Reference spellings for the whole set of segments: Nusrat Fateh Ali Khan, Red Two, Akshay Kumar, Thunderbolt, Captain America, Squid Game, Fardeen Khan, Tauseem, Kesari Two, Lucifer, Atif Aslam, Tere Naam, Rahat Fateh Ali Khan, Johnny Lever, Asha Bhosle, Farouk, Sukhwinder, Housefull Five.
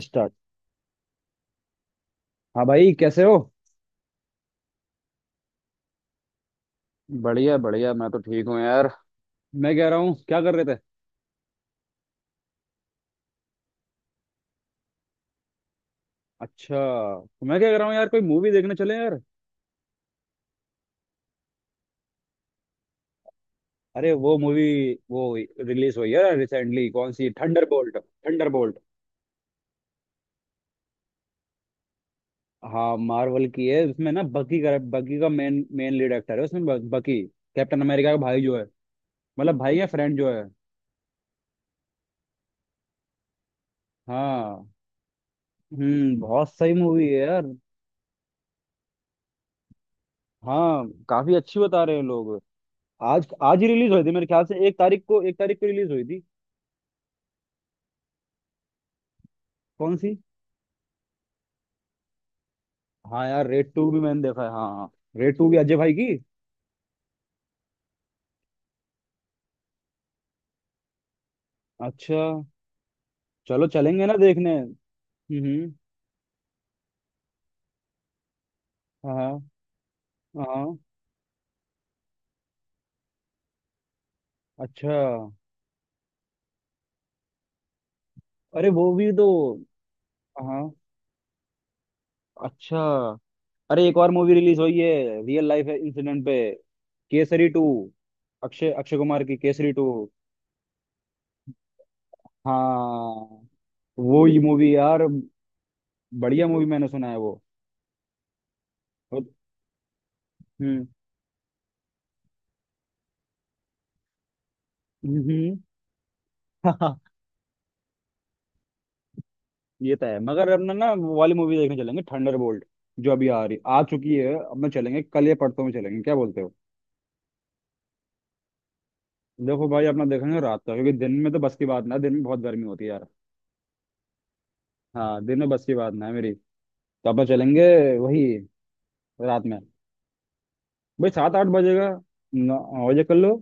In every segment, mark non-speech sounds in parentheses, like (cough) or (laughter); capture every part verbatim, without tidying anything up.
Start. हाँ भाई, कैसे हो? बढ़िया बढ़िया। मैं तो ठीक हूँ यार। मैं कह रहा हूँ, क्या कर रहे थे? अच्छा। तो मैं क्या कह रहा हूँ यार, कोई मूवी देखने चले यार। अरे वो मूवी, वो रिलीज हुई है रिसेंटली, कौन सी, थंडरबोल्ट थंडरबोल्ट। हाँ, मार्वल की है। उसमें ना, बकी का बकी का मेन मेन लीड एक्टर है उसमें, ब, बकी। कैप्टन अमेरिका का भाई जो है, मतलब भाई या फ्रेंड जो है। हाँ। हम्म, बहुत सही मूवी है यार। हाँ, काफी अच्छी बता रहे हैं लोग। आज आज ही रिलीज हुई थी मेरे ख्याल से, एक तारीख को एक तारीख को रिलीज हुई थी। कौन सी? हाँ यार, रेड टू भी मैंने देखा है। हाँ हाँ, रेड टू भी अजय भाई की। अच्छा। चलो, चलेंगे ना देखने। हम्म। हाँ। हाँ। अच्छा। अरे वो भी तो। हाँ। अच्छा। अरे, एक और मूवी रिलीज हुई है, रियल लाइफ इंसिडेंट पे। केसरी टू। अक्षय अक्षय कुमार की केसरी टू। हाँ, वो ही मूवी यार। बढ़िया मूवी, मैंने सुना है वो। हम्म। हम्म। (laughs) ये तो है, मगर अपना ना, वो वाली मूवी देखने चलेंगे, थंडरबोल्ट। जो अभी आ रही, आ चुकी है अब ना, चलेंगे कल या परसों में, चलेंगे, क्या बोलते हो? देखो भाई, अपना देखेंगे रात का, क्योंकि दिन में तो बस की बात ना है, दिन में बहुत गर्मी होती है यार। हाँ, दिन में बस की बात ना है मेरी। तो अपना चलेंगे वही, रात में। भाई, सात आठ बजेगा। नौ बजे कर लो।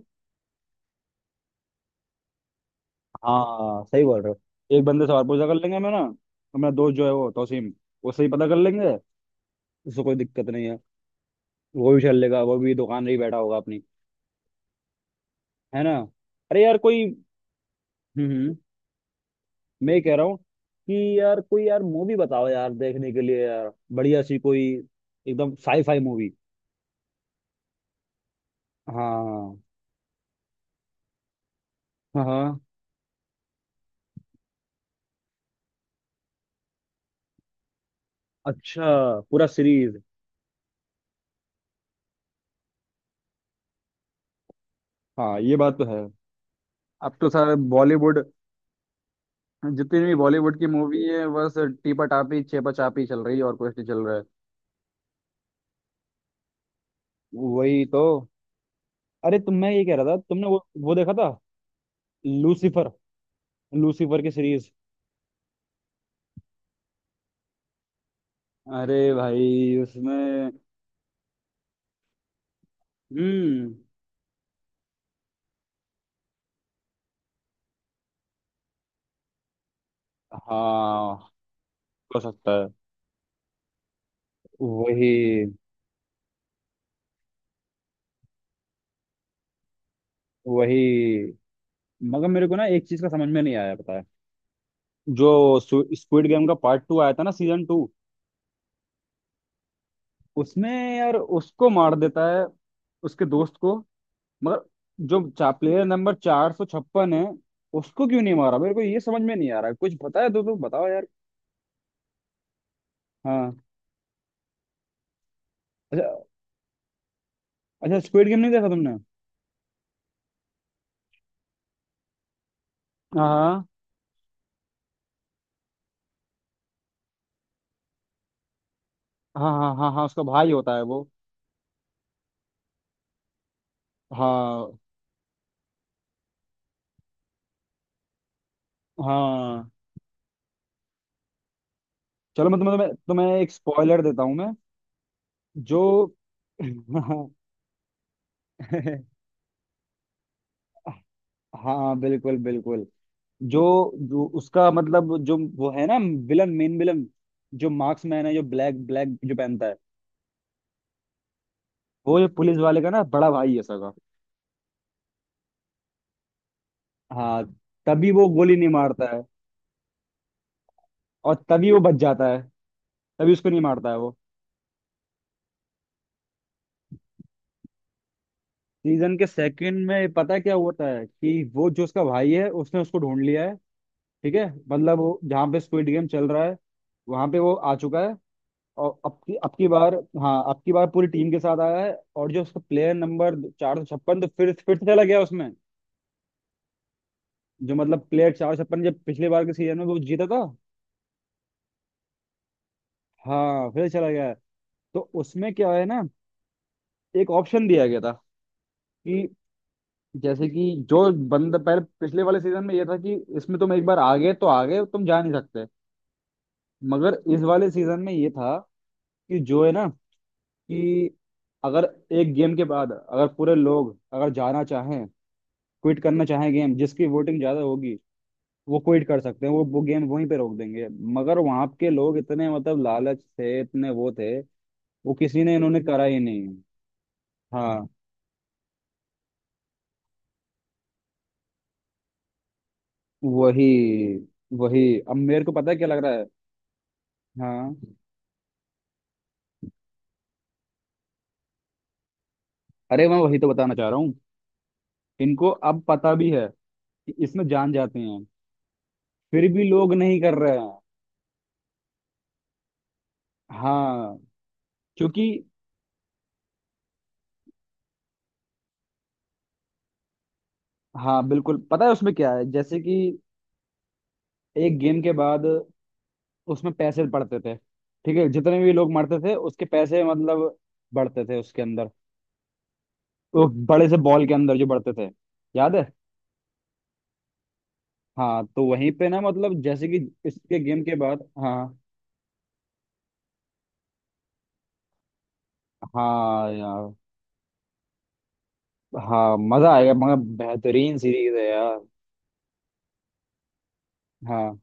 हाँ, सही बोल रहे हो। एक बंदे से और पूछा कर लेंगे हम, है ना? अपना दोस्त जो है वो, तौसीम। उससे ही पता कर लेंगे। उससे कोई दिक्कत नहीं है। वो भी चल लेगा, वो भी दुकान में ही बैठा होगा अपनी, है ना? अरे यार कोई, हम्म, मैं कह रहा हूँ कि, यार कोई यार मूवी बताओ यार देखने के लिए यार, बढ़िया सी कोई। एकदम साई फाई मूवी। हाँ। हाँ। हाँ। अच्छा, पूरा सीरीज। हाँ, ये बात तो है। अब तो सारे बॉलीवुड, जितनी भी बॉलीवुड की मूवी है, बस टीपा टापी चेपा चापी चल रही है और कुछ नहीं चल रहा है। वही तो। अरे तुम, मैं ये कह रहा था, तुमने वो वो देखा था, लूसीफर। लूसीफर की सीरीज। अरे भाई उसमें, हम्म, हाँ, हो सकता है। वही वही। मगर मेरे को ना, एक चीज का समझ में नहीं आया, पता है? जो स्क्विड गेम का पार्ट टू आया था ना, सीजन टू, उसमें, यार उसको मार देता है, उसके दोस्त को, मगर जो चा, प्लेयर नंबर चार सौ छप्पन है, उसको क्यों नहीं मारा, मेरे को ये समझ में नहीं आ रहा है। कुछ पता है तो तुम बताओ यार। हाँ। अच्छा। अच्छा, स्क्विड गेम नहीं देखा तुमने? हाँ हाँ हाँ हाँ, हाँ उसका भाई होता है वो। हाँ हाँ। चलो मतलब, मैं तुम्हें तुम्हें, तुम्हें एक स्पॉइलर देता हूँ मैं। जो, (laughs) हाँ बिल्कुल बिल्कुल। जो, जो उसका मतलब, जो वो है ना, विलन, मेन विलन, जो मार्क्समैन है, जो ब्लैक ब्लैक जो पहनता है, वो जो पुलिस वाले का ना बड़ा भाई है सगा। हाँ। तभी वो गोली नहीं मारता है। और तभी वो बच जाता है। तभी उसको नहीं मारता है वो। सीजन के सेकंड में पता है क्या होता है कि वो जो उसका भाई है, उसने उसको ढूंढ लिया है। ठीक है, मतलब वो जहाँ पे स्क्विड गेम चल रहा है, वहां पे वो आ चुका है। और अब की अब की बार, हाँ, अब की बार पूरी टीम के साथ आया है। और जो उसका प्लेयर नंबर चार सौ छप्पन, तो फिर फिर से चला गया उसमें। जो मतलब, प्लेयर चार सौ छप्पन, जब पिछले बार के सीजन में वो जीता था। हाँ, फिर चला गया है। तो उसमें क्या है ना, एक ऑप्शन दिया गया था कि, जैसे कि, जो बंदा, पहले पिछले वाले सीजन में ये था कि, इसमें तुम एक बार आ गए तो आ गए, तुम जा नहीं सकते। मगर इस वाले सीजन में ये था कि, जो है ना, कि अगर एक गेम के बाद अगर पूरे लोग अगर जाना चाहें, क्विट करना चाहे गेम, जिसकी वोटिंग ज्यादा होगी, वो क्विट कर सकते हैं। वो वो गेम वहीं पे रोक देंगे। मगर वहां के लोग इतने मतलब लालच थे, इतने वो थे, वो किसी ने, इन्होंने करा ही नहीं। हाँ। वही वही। अब मेरे को पता है क्या लग रहा है। हाँ। अरे मैं वही तो बताना चाह रहा हूँ। इनको अब पता भी है कि इसमें जान जाते हैं, फिर भी लोग नहीं कर रहे हैं। हाँ। क्योंकि, हाँ बिल्कुल पता है, उसमें क्या है, जैसे कि, एक गेम के बाद उसमें पैसे बढ़ते थे। ठीक है, जितने भी लोग मरते थे उसके पैसे मतलब बढ़ते थे उसके अंदर, वो बड़े से बॉल के अंदर जो बढ़ते थे, याद है? हाँ, तो वहीं पे ना मतलब, जैसे कि इसके गेम के बाद, हाँ। हाँ यार। हाँ, मजा आएगा मगर। बेहतरीन सीरीज है यार। हाँ।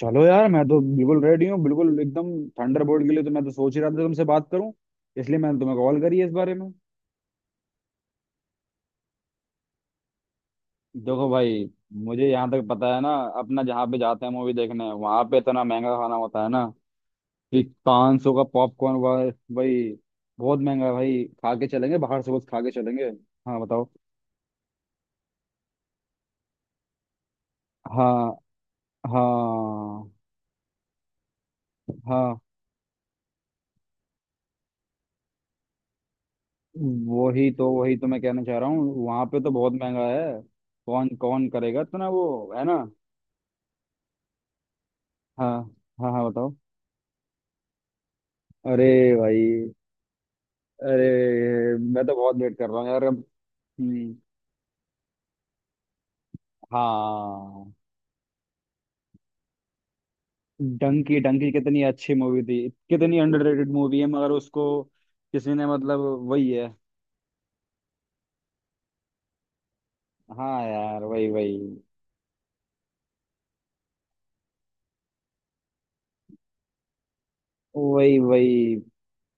चलो यार, मैं तो बिल्कुल रेडी हूँ, बिल्कुल एकदम। थंडरबोल्ट के लिए तो मैं तो सोच ही रहा था तुमसे बात करूं, इसलिए मैंने तुम्हें कॉल करी है इस बारे में। देखो भाई, मुझे यहाँ तक पता है ना, अपना जहाँ पे जाते हैं मूवी देखने, वहां पे इतना महंगा खाना होता है ना, कि पाँच सौ का पॉपकॉर्न भाई। भाई, बहुत महंगा है भाई। खा के चलेंगे, बाहर से कुछ खा के चलेंगे। हाँ बताओ। हाँ हाँ हाँ। वही तो, वही तो मैं कहना चाह रहा हूँ। वहां पे तो बहुत महंगा है। कौन कौन करेगा इतना, वो है ना? हाँ। हाँ हाँ बताओ। अरे भाई। अरे, मैं तो बहुत वेट कर रहा हूँ यार अब। हम्म, हाँ। डंकी डंकी, कितनी अच्छी मूवी थी। कितनी अंडररेटेड मूवी है मगर उसको, किसी ने मतलब, वही है। हाँ यार, वही वही। वही वही।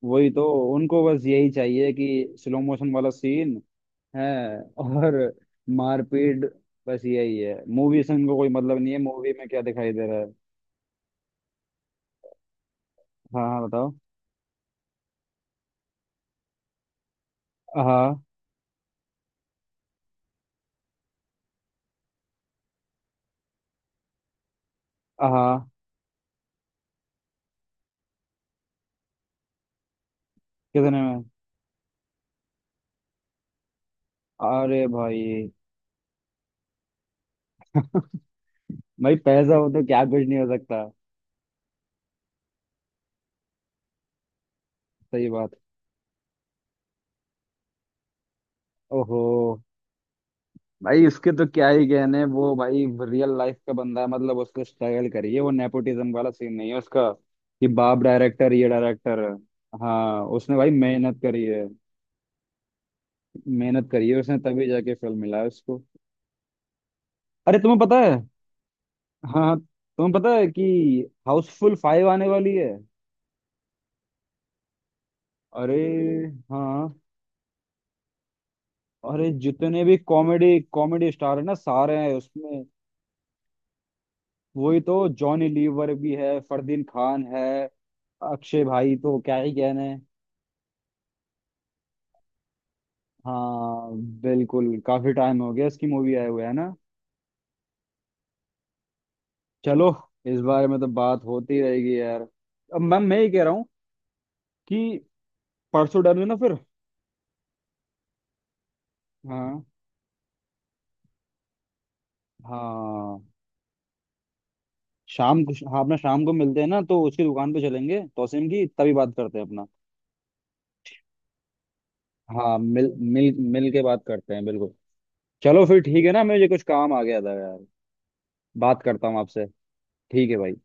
वही तो, उनको बस यही चाहिए कि स्लो मोशन वाला सीन है, और मारपीट, बस यही है। मूवी से उनको कोई मतलब नहीं है, मूवी में क्या दिखाई दे रहा है। हाँ। हाँ बताओ। हाँ हाँ। कितने में? अरे भाई। भाई, पैसा हो तो क्या कुछ नहीं हो सकता। सही बात। ओहो। भाई, उसके तो क्या ही कहने, वो भाई। रियल लाइफ का बंदा है, मतलब उसको स्ट्रगल करिए, वो नेपोटिज्म वाला सीन नहीं है उसका, कि बाप डायरेक्टर, ये डायरेक्टर है। हाँ, उसने भाई मेहनत करी है। मेहनत करी है उसने, तभी जाके फिल्म मिला है उसको। अरे तुम्हें पता है, हाँ हाँ, तुम्हें पता है कि हाउसफुल फाइव आने वाली है। अरे हाँ। अरे, जितने भी कॉमेडी कॉमेडी स्टार है ना, सारे हैं उसमें। वही तो, जॉनी लीवर भी है, फरदीन खान है। अक्षय भाई तो क्या ही कहने। हाँ बिल्कुल, काफी टाइम हो गया इसकी मूवी आए हुए, है ना? चलो, इस बारे में तो बात होती रहेगी यार। अब मैम, मैं ये कह रहा हूँ कि, परसों डन है ना फिर? हाँ। हाँ। शाम को, हाँ अपना शाम को मिलते हैं ना, तो उसकी दुकान पे चलेंगे, तोसिम की, तभी बात करते हैं अपना। हाँ, मिल मिल मिल के बात करते हैं बिल्कुल। चलो फिर, ठीक है ना। मुझे कुछ काम आ गया था यार। बात करता हूँ आपसे। ठीक है भाई।